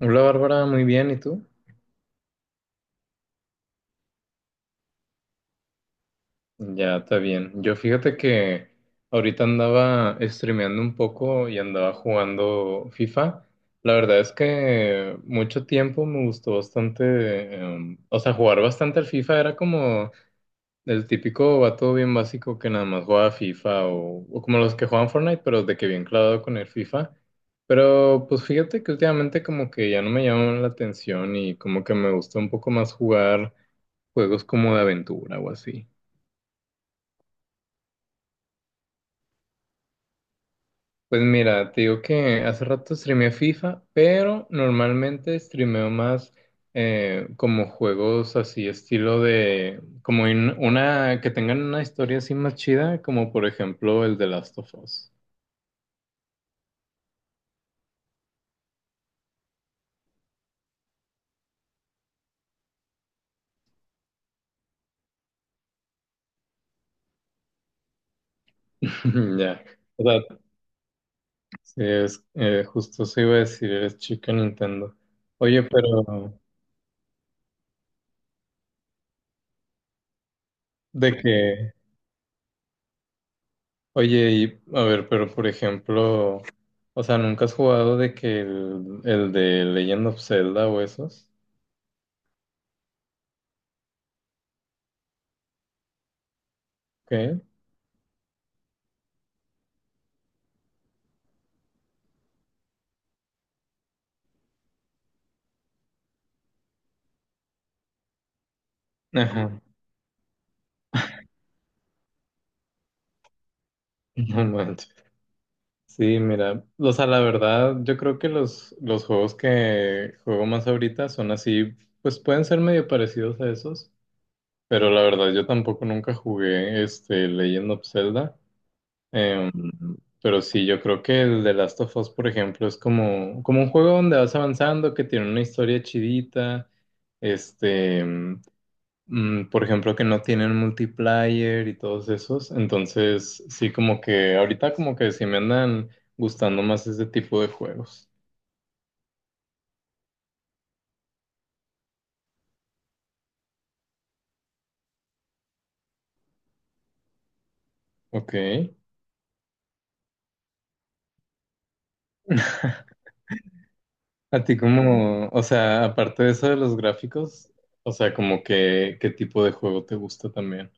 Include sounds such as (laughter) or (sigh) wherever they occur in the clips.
Hola Bárbara, muy bien, ¿y tú? Ya, está bien. Yo fíjate que ahorita andaba streameando un poco y andaba jugando FIFA. La verdad es que mucho tiempo me gustó bastante, o sea, jugar bastante al FIFA era como el típico vato bien básico que nada más jugaba FIFA o como los que juegan Fortnite, pero de que bien clavado con el FIFA. Pero pues fíjate que últimamente como que ya no me llama la atención y como que me gusta un poco más jugar. Juegos como de aventura o así. Pues mira, te digo que hace rato streameé FIFA, pero normalmente streameo más como juegos así, estilo de, como una, que tengan una historia así más chida, como por ejemplo el de Last of Us. (laughs) Ya. O sea, sí, es, justo se iba a decir, eres chica Nintendo. Oye, pero de qué. Oye, y a ver, pero por ejemplo, o sea, ¿nunca has jugado de que el de Legend of Zelda o esos? ¿Qué? Ajá. (laughs) No manches. Sí, mira, o sea, la verdad, yo creo que los juegos que juego más ahorita son así, pues pueden ser medio parecidos a esos, pero la verdad yo tampoco nunca jugué este Legend of Zelda. Em, pero sí, yo creo que el de Last of Us, por ejemplo, es como un juego donde vas avanzando, que tiene una historia chidita, este, por ejemplo, que no tienen multiplayer y todos esos. Entonces, sí, como que ahorita como que sí me andan gustando más ese tipo de juegos. Ok. A ti como, o sea, aparte de eso de los gráficos, o sea, como que, ¿qué tipo de juego te gusta también?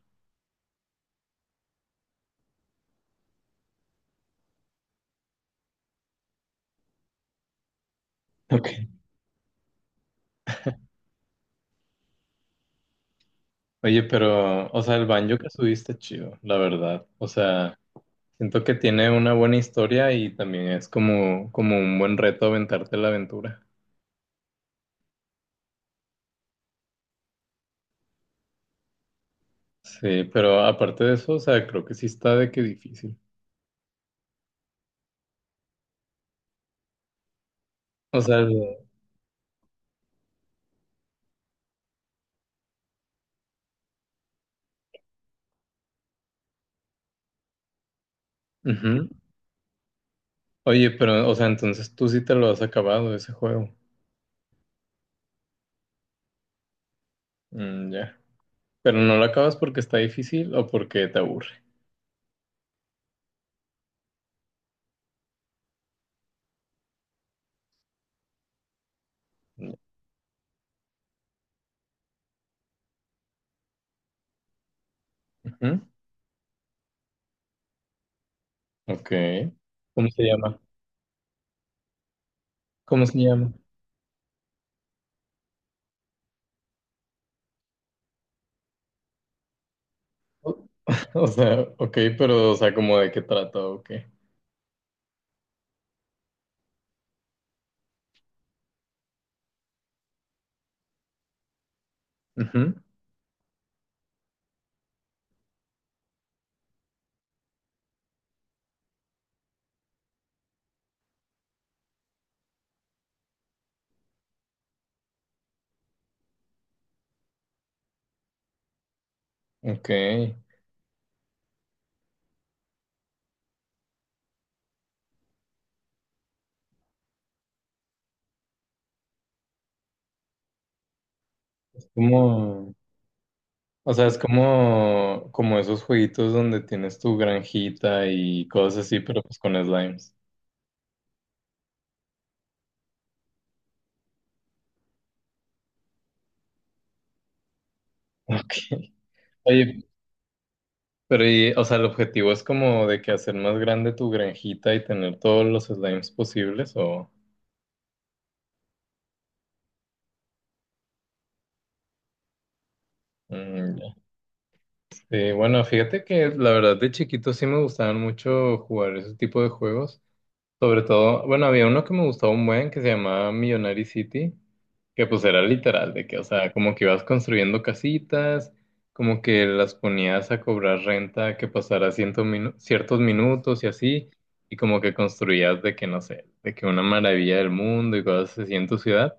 Ok. Oye, pero, o sea, el banjo que subiste, chido, la verdad. O sea, siento que tiene una buena historia y también es como un buen reto aventarte la aventura. Sí, pero aparte de eso, o sea, creo que sí está de que difícil. O sea, ujú. Oye, pero, o sea, entonces tú sí te lo has acabado ese juego. Mm, ya. Pero no lo acabas porque está difícil o porque te aburre. Ujú. Ok. ¿Cómo se llama? ¿Cómo se llama? O (laughs) o sea, ok, pero, o sea, ¿como de qué trata? Ok. Ujú. Ok, es como, o sea, es como esos jueguitos donde tienes tu granjita y cosas así, pero pues con slimes. Ok. Oye, pero y, o sea, el objetivo es como de que hacer más grande tu granjita y tener todos los slimes posibles o... Mm, ya. Sí, bueno, fíjate que la verdad de chiquito sí me gustaban mucho jugar ese tipo de juegos. Sobre todo, bueno, había uno que me gustaba un buen que se llamaba Millionary City, que pues era literal, de que, o sea, como que ibas construyendo casitas, como que las ponías a cobrar renta que pasara ciertos minutos y así, y como que construías de que, no sé, de que una maravilla del mundo y cosas así en tu ciudad,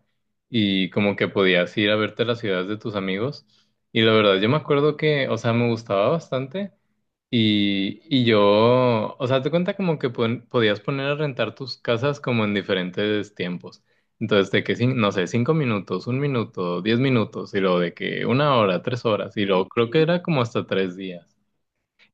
y como que podías ir a verte las ciudades de tus amigos. Y la verdad, yo me acuerdo que, o sea, me gustaba bastante. Y yo, o sea, te cuenta como que podías poner a rentar tus casas como en diferentes tiempos. Entonces, de que, no sé, 5 minutos, 1 minuto, 10 minutos, y luego de que 1 hora, 3 horas, y luego creo que era como hasta 3 días.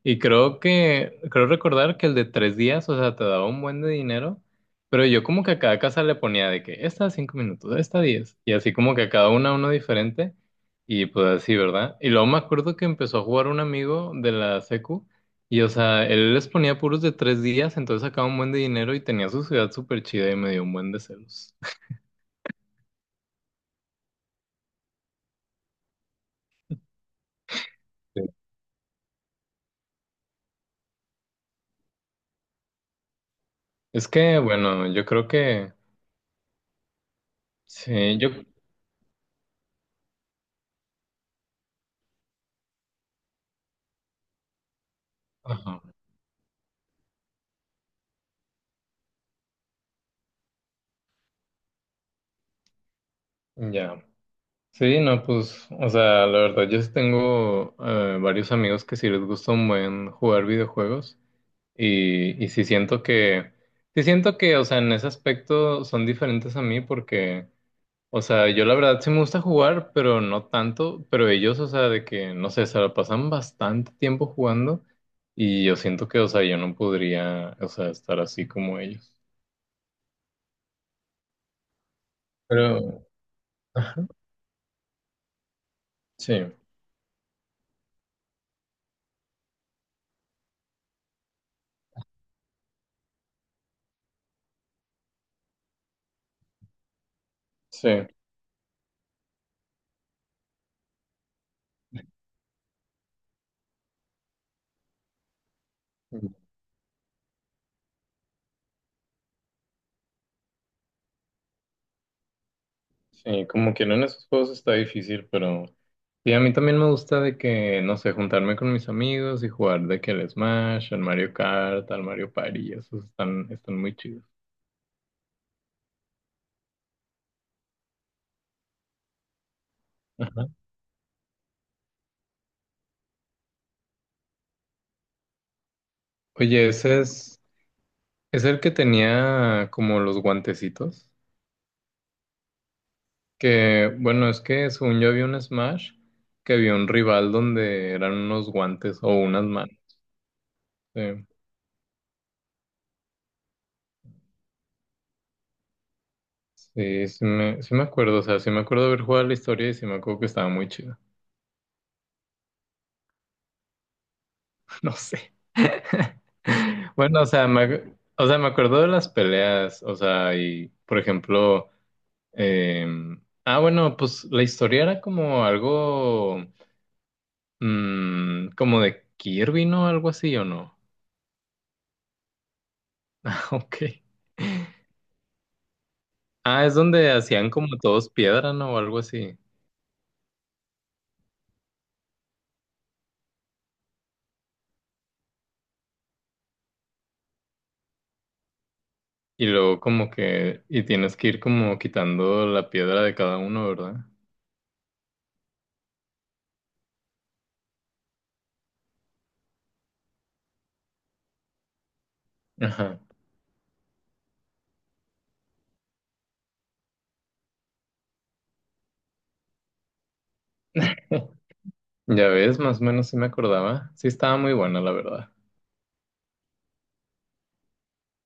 Y creo recordar que el de 3 días, o sea, te daba un buen de dinero, pero yo como que a cada casa le ponía de que esta 5 minutos, esta 10, y así como que a cada una uno diferente, y pues así, ¿verdad? Y luego me acuerdo que empezó a jugar un amigo de la secu, y o sea, él les ponía puros de 3 días, entonces sacaba un buen de dinero y tenía su ciudad súper chida y me dio un buen de celos. Sí. Es que, bueno, yo creo que, sí, yo, ajá, ya. Sí, no, pues, o sea, la verdad, yo sí tengo varios amigos que sí les gusta un buen jugar videojuegos y sí siento que, o sea, en ese aspecto son diferentes a mí porque, o sea, yo la verdad sí me gusta jugar, pero no tanto, pero ellos, o sea, de que, no sé, se la pasan bastante tiempo jugando y yo siento que, o sea, yo no podría, o sea, estar así como ellos. Pero, ajá, sí, sí. Sí, como que no en esos juegos está difícil, pero sí, a mí también me gusta de que, no sé, juntarme con mis amigos y jugar de que el Smash, al Mario Kart, al Mario Party, esos están muy chidos. Ajá. Oye, ese es el que tenía como los guantecitos, que bueno, es que según yo había un Smash, que había un rival donde eran unos guantes o unas manos. Sí, sí, sí me acuerdo, o sea, sí me acuerdo haber jugado la historia y sí me acuerdo que estaba muy chido, (laughs) no sé. (laughs) Bueno, o sea, o sea, me acuerdo de las peleas, o sea, y por ejemplo, ah, bueno, pues la historia era como algo, como de Kirby, ¿no? Algo así, ¿o no? (laughs) Ok. Ah, es donde hacían como todos piedra, ¿no? O algo así. Y luego como que, y tienes que ir como quitando la piedra de cada uno, ¿verdad? Ajá. (laughs) Ya ves, más o menos sí me acordaba. Sí estaba muy buena, la verdad.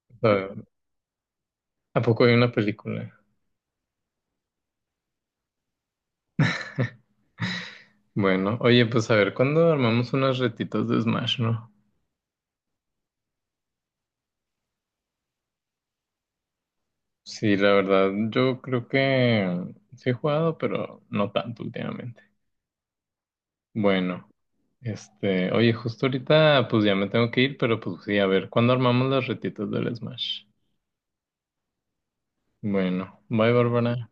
O sea, ¿a poco hay una película? Bueno, oye, pues a ver, ¿cuándo armamos unas retitas de Smash, no? Sí, la verdad, yo creo que sí he jugado, pero no tanto últimamente. Bueno, este, oye, justo ahorita pues ya me tengo que ir, pero pues sí, a ver, ¿cuándo armamos las retitas del Smash? Bueno, bye, Bárbara.